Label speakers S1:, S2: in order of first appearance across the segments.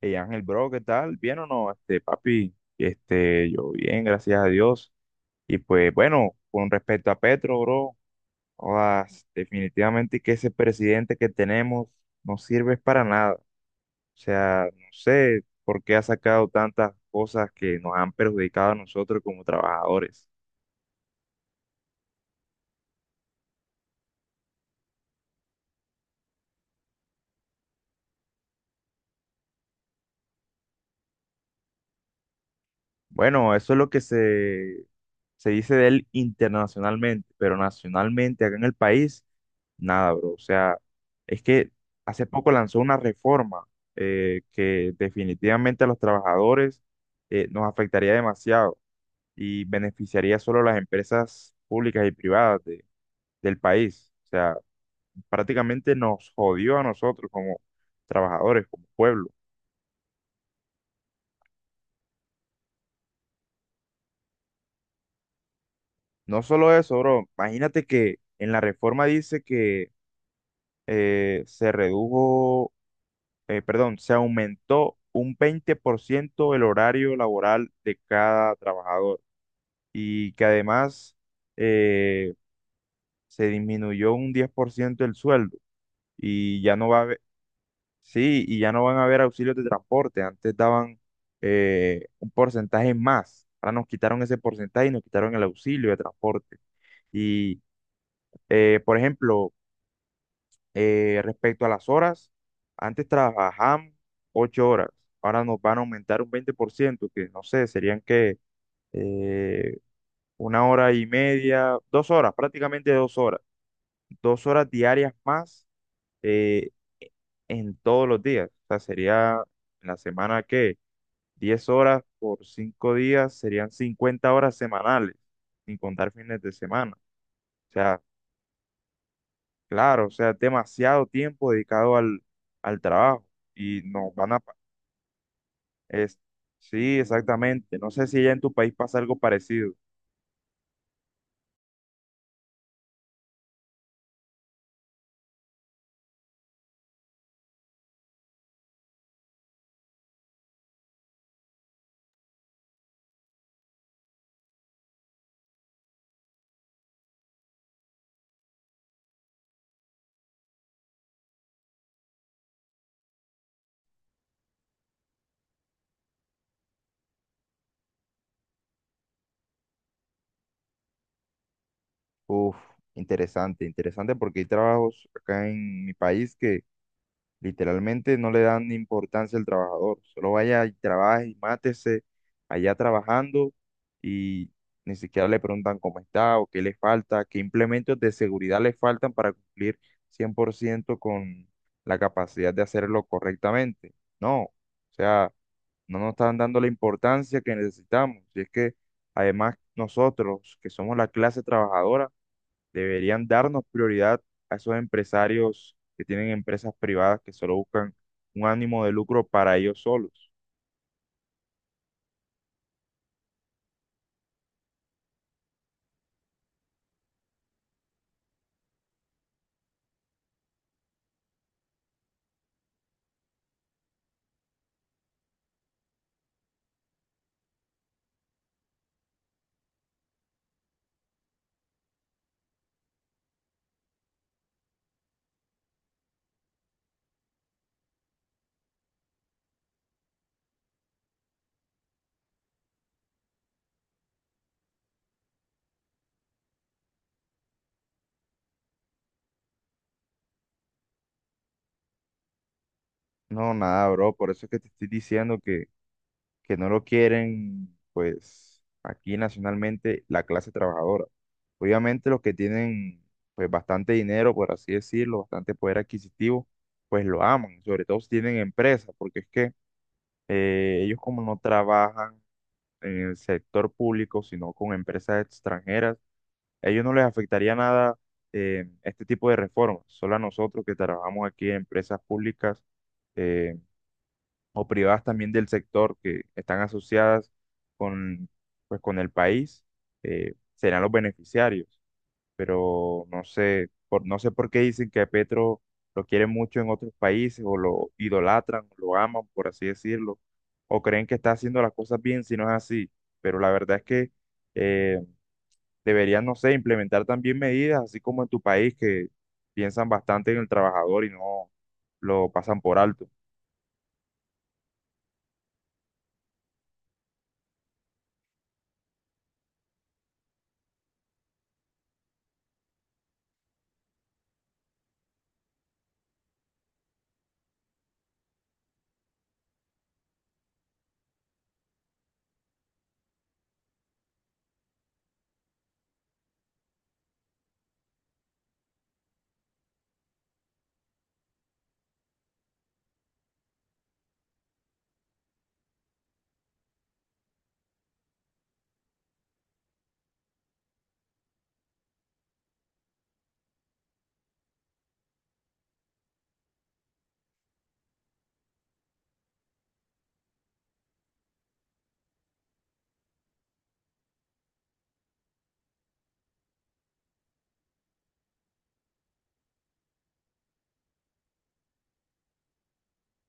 S1: Hey Ángel, bro, ¿qué tal? ¿Bien o no? Papi, yo bien, gracias a Dios. Y pues bueno, con respecto a Petro, bro, jodas, definitivamente que ese presidente que tenemos no sirve para nada. O sea, no sé por qué ha sacado tantas cosas que nos han perjudicado a nosotros como trabajadores. Bueno, eso es lo que se dice de él internacionalmente, pero nacionalmente acá en el país. Nada, bro. O sea, es que hace poco lanzó una reforma que definitivamente a los trabajadores nos afectaría demasiado y beneficiaría solo a las empresas públicas y privadas del país. O sea, prácticamente nos jodió a nosotros como trabajadores, como pueblo. No solo eso, bro. Imagínate que en la reforma dice que se redujo, perdón, se aumentó un 20% el horario laboral de cada trabajador y que además eh, se disminuyó un 10% el sueldo y ya no va a haber, sí, y ya no van a haber auxilios de transporte. Antes daban un porcentaje más. Ahora nos quitaron ese porcentaje y nos quitaron el auxilio de transporte. Y, por ejemplo, respecto a las horas, antes trabajaban 8 horas, ahora nos van a aumentar un 20% que no sé, serían que eh, 1 hora y media, 2 horas, prácticamente 2 horas, 2 horas diarias más eh, en todos los días. O sea, sería en la semana que 10 horas por 5 días serían 50 horas semanales, sin contar fines de semana. O sea, claro, o sea, es demasiado tiempo dedicado al trabajo y nos van a Es, sí, exactamente. No sé si ya en tu país pasa algo parecido. Uf, interesante, interesante porque hay trabajos acá en mi país que literalmente no le dan importancia al trabajador. Solo vaya y trabaje y mátese allá trabajando y ni siquiera le preguntan cómo está o qué le falta, qué implementos de seguridad le faltan para cumplir 100% con la capacidad de hacerlo correctamente. No, o sea, no nos están dando la importancia que necesitamos. Y es que además nosotros, que somos la clase trabajadora, deberían darnos prioridad a esos empresarios que tienen empresas privadas que solo buscan un ánimo de lucro para ellos solos. No, nada, bro. Por eso es que te estoy diciendo que no lo quieren, pues, aquí nacionalmente la clase trabajadora. Obviamente los que tienen, pues, bastante dinero, por así decirlo, bastante poder adquisitivo, pues lo aman, sobre todo si tienen empresas, porque es que ellos como no trabajan en el sector público, sino con empresas extranjeras, a ellos no les afectaría nada este tipo de reformas, solo a nosotros que trabajamos aquí en empresas públicas eh, o privadas también del sector que están asociadas con, pues, con el país, serán los beneficiarios. Pero no sé, no sé por qué dicen que a Petro lo quieren mucho en otros países o lo idolatran, lo aman, por así decirlo, o creen que está haciendo las cosas bien si no es así. Pero la verdad es que eh, deberían, no sé, implementar también medidas, así como en tu país, que piensan bastante en el trabajador y no lo pasan por alto.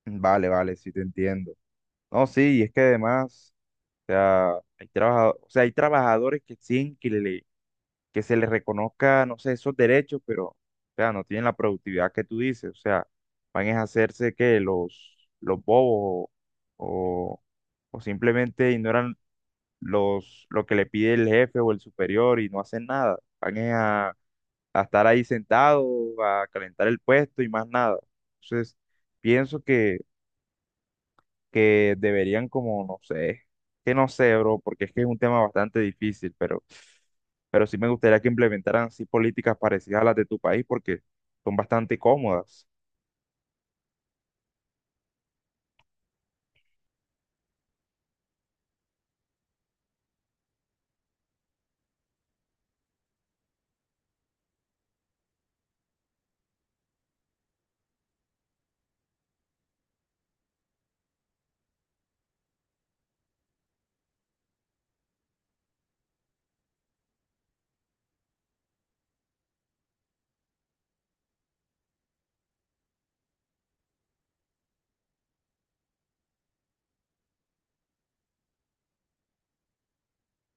S1: Vale, vale, sí te entiendo. No, sí, y es que además, o sea, o sea, hay trabajadores que exigen que se les reconozca, no sé, esos derechos, pero, o sea, no tienen la productividad que tú dices, o sea, van a hacerse que los bobos o, o o simplemente ignoran lo que le pide el jefe o el superior y no hacen nada. Van es a estar ahí sentados, a calentar el puesto y más nada. Entonces, pienso que deberían como, no sé, que no sé, bro, porque es que es un tema bastante difícil, pero, sí me gustaría que implementaran así políticas parecidas a las de tu país porque son bastante cómodas.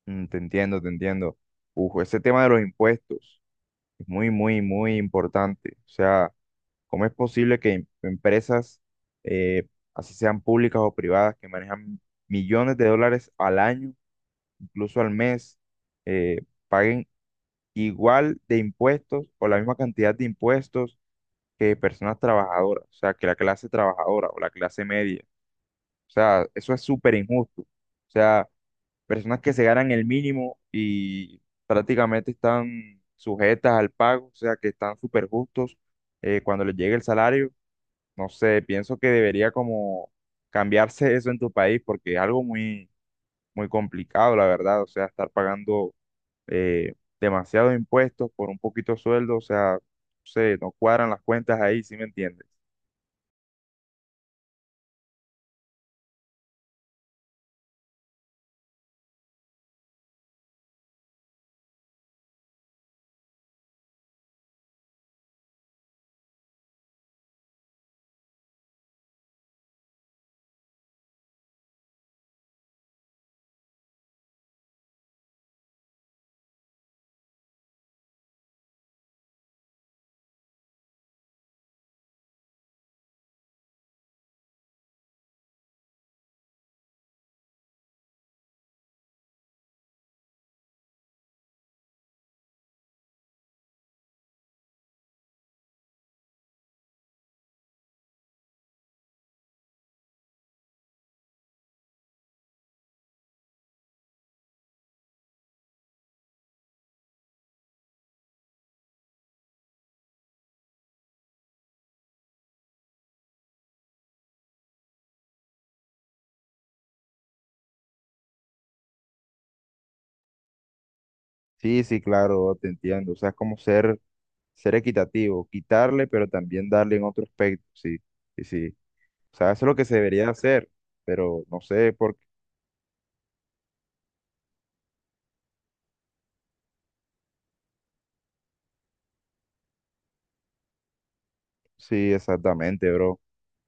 S1: Mm, te entiendo, te entiendo. Uf, ese tema de los impuestos es muy, muy, muy importante. O sea, ¿cómo es posible que empresas, eh, así sean públicas o privadas, que manejan millones de dólares al año, incluso al mes, eh, paguen igual de impuestos o la misma cantidad de impuestos que personas trabajadoras? O sea, que la clase trabajadora o la clase media. O sea, eso es súper injusto. O sea, personas que se ganan el mínimo y prácticamente están sujetas al pago, o sea, que están súper justos cuando les llegue el salario. No sé, pienso que debería como cambiarse eso en tu país porque es algo muy, muy complicado, la verdad. O sea, estar pagando eh, demasiados impuestos por un poquito sueldo, o sea, no sé, no cuadran las cuentas ahí, ¿sí me entiendes? Sí, sí, claro, te entiendo. O sea, es como ser equitativo, quitarle, pero también darle en otro aspecto. Sí, sí, sí. O sea, eso es lo que se debería hacer, pero no sé por qué. Sí, exactamente, bro.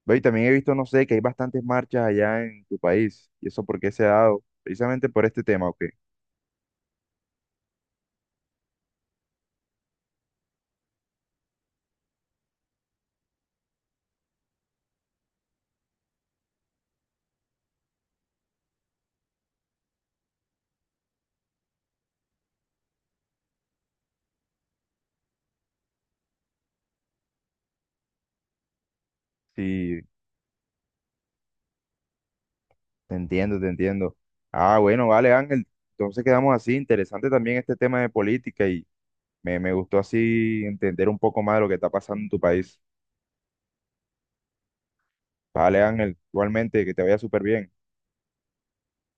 S1: Ve, y también he visto, no sé, que hay bastantes marchas allá en tu país. ¿Y eso por qué se ha dado? Precisamente por este tema, ¿o qué? Sí, te entiendo, te entiendo. Ah, bueno, vale, Ángel. Entonces quedamos así. Interesante también este tema de política y me gustó así entender un poco más de lo que está pasando en tu país. Vale, Ángel. Igualmente, que te vaya súper bien.